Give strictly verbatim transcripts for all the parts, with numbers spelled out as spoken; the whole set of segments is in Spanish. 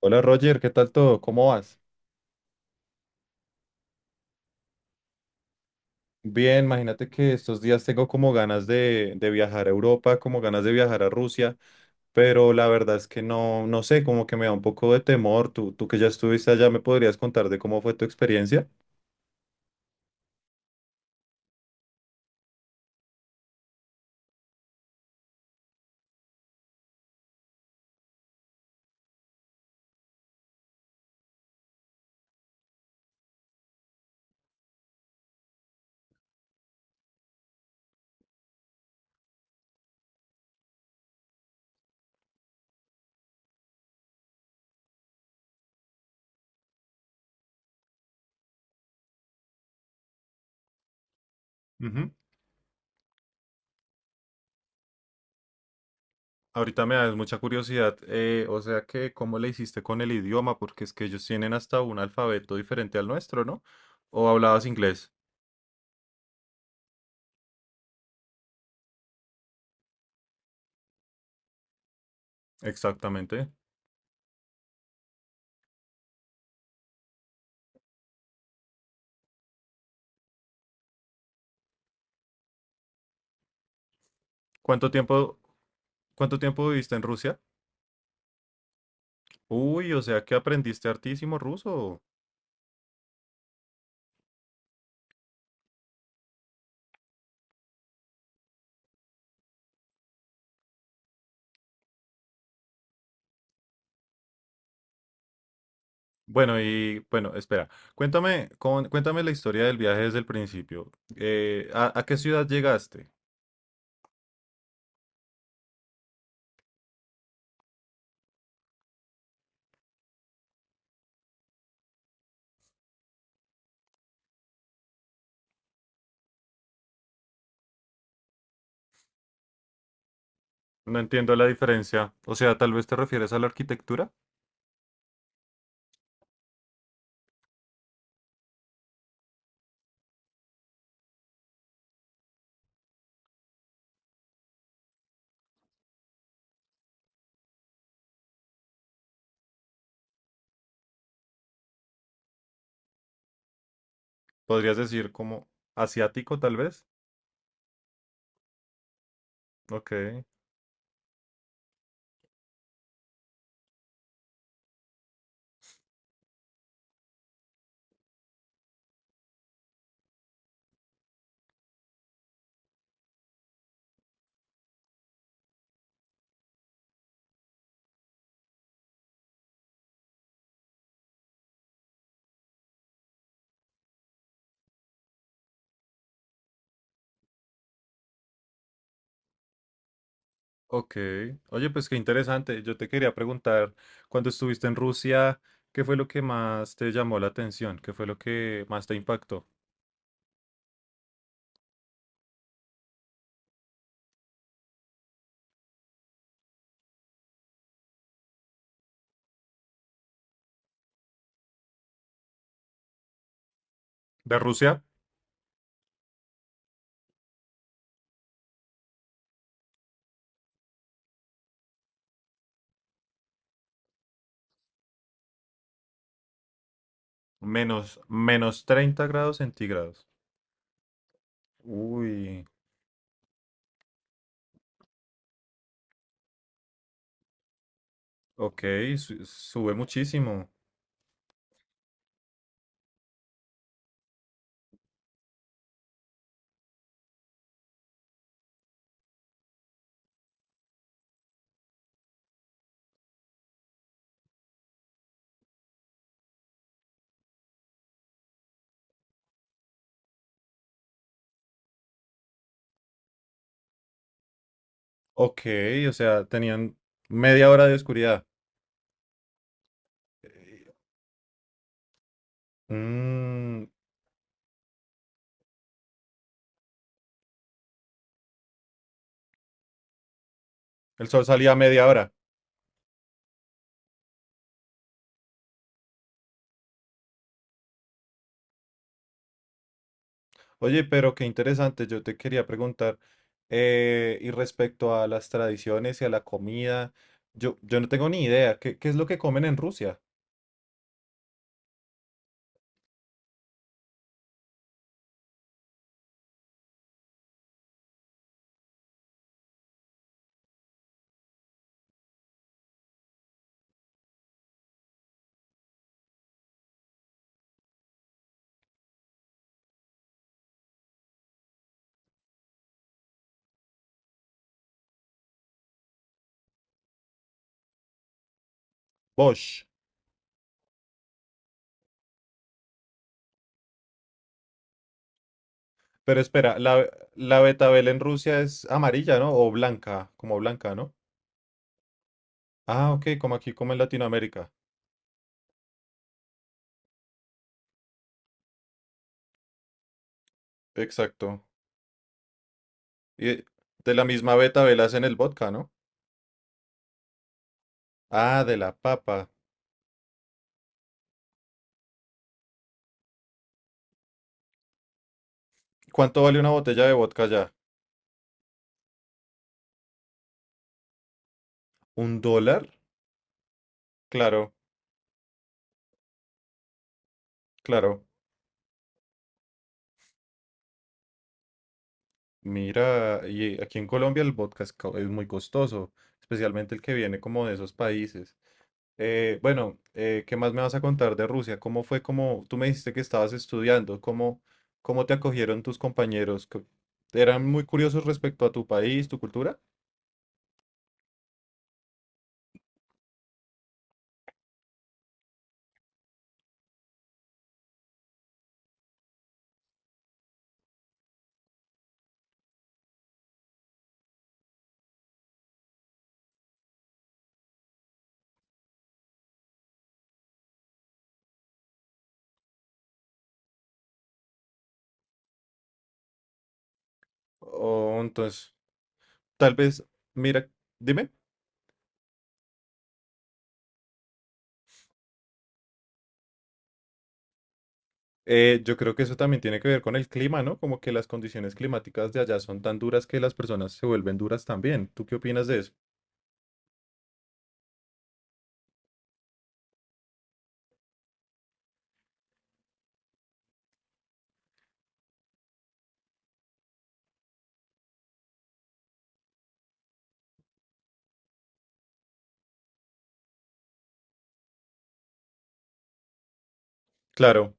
Hola Roger, ¿qué tal todo? ¿Cómo vas? Bien, imagínate que estos días tengo como ganas de, de viajar a Europa, como ganas de viajar a Rusia, pero la verdad es que no, no sé, como que me da un poco de temor. Tú, tú que ya estuviste allá, ¿me podrías contar de cómo fue tu experiencia? Ujú. Ahorita me da mucha curiosidad, eh, o sea que cómo le hiciste con el idioma, porque es que ellos tienen hasta un alfabeto diferente al nuestro, ¿no? ¿O hablabas inglés? Exactamente. ¿Cuánto tiempo, ¿cuánto tiempo viviste en Rusia? Uy, o sea que aprendiste hartísimo ruso. Bueno, y bueno, espera, cuéntame, con- cuéntame la historia del viaje desde el principio. Eh, ¿a, a qué ciudad llegaste? No entiendo la diferencia. O sea, tal vez te refieres a la arquitectura. Podrías decir como asiático, tal vez. Ok. Ok. Oye, pues qué interesante. Yo te quería preguntar, cuando estuviste en Rusia, ¿qué fue lo que más te llamó la atención? ¿Qué fue lo que más te impactó? De Rusia, menos, menos treinta grados centígrados. Uy, ok, su- sube muchísimo. Ok, o sea, tenían media hora de oscuridad. Eh, mm, el sol salía a media hora. Oye, pero qué interesante, yo te quería preguntar, eh, y respecto a las tradiciones y a la comida, yo, yo no tengo ni idea, ¿qué, ¿qué es lo que comen en Rusia? Bosh. Pero espera, la, la betabel en Rusia es amarilla, ¿no? O blanca, como blanca, ¿no? Ah, ok, como aquí, como en Latinoamérica. Exacto. Y de de la misma betabel hacen el vodka, ¿no? Ah, de la papa. ¿Cuánto vale una botella de vodka ya? ¿Un dólar? Claro, claro. Mira, y aquí en Colombia el vodka es, co- es muy costoso, especialmente el que viene como de esos países. Eh, bueno, eh, ¿qué más me vas a contar de Rusia? ¿Cómo fue como tú me dijiste que estabas estudiando? ¿Cómo, ¿cómo te acogieron tus compañeros? ¿Qué- ¿Eran muy curiosos respecto a tu país, tu cultura? O entonces, tal vez, mira, dime. Eh, yo creo que eso también tiene que ver con el clima, ¿no? Como que las condiciones climáticas de allá son tan duras que las personas se vuelven duras también. ¿Tú qué opinas de eso? Claro.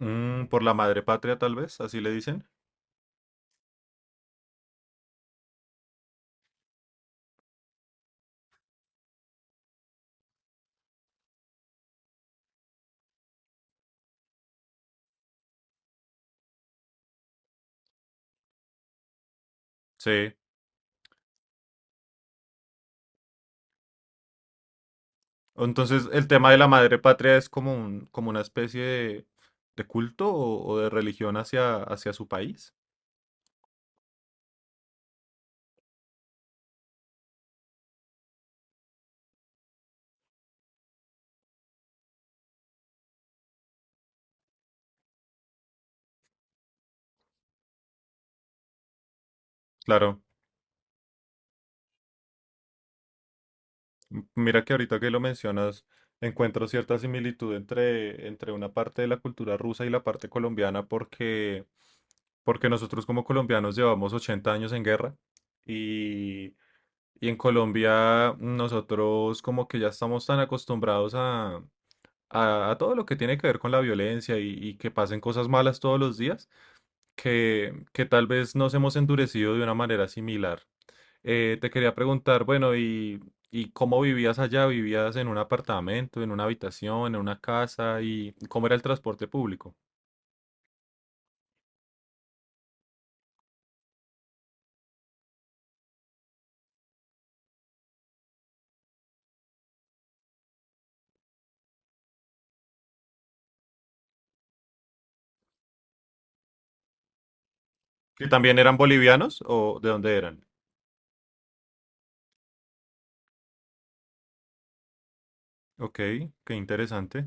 Mm, por la madre patria, tal vez, así le dicen. Sí. Entonces, el tema de la madre patria es como un, como una especie de, de culto o, o de religión hacia, hacia su país. Claro. M- Mira que ahorita que lo mencionas, encuentro cierta similitud entre, entre una parte de la cultura rusa y la parte colombiana porque, porque nosotros como colombianos llevamos ochenta años en guerra y, y en Colombia nosotros como que ya estamos tan acostumbrados a, a, a todo lo que tiene que ver con la violencia y, y que pasen cosas malas todos los días que, que tal vez nos hemos endurecido de una manera similar. Eh, te quería preguntar, bueno, y, ¿y cómo vivías allá? ¿Vivías en un apartamento, en una habitación, en una casa? ¿Y cómo era el transporte público? ¿Que también eran bolivianos o de dónde eran? Ok, qué interesante.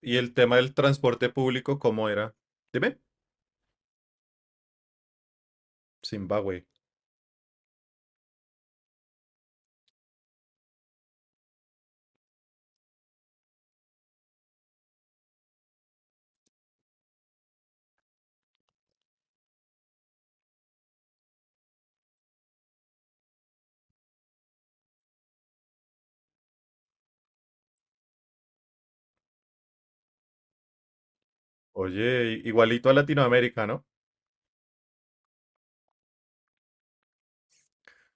¿Y el tema del transporte público, cómo era? Dime. Zimbabue. Oye, igualito a Latinoamérica, ¿no?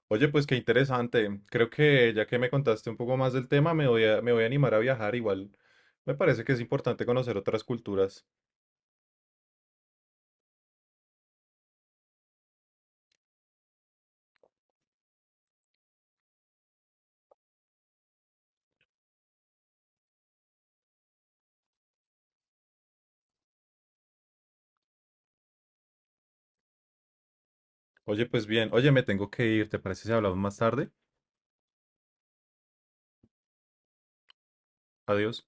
Oye, pues qué interesante. Creo que ya que me contaste un poco más del tema, me voy a, me voy a animar a viajar igual. Me parece que es importante conocer otras culturas. Oye, pues bien. Oye, me tengo que ir. ¿Te parece si hablamos más tarde? Adiós.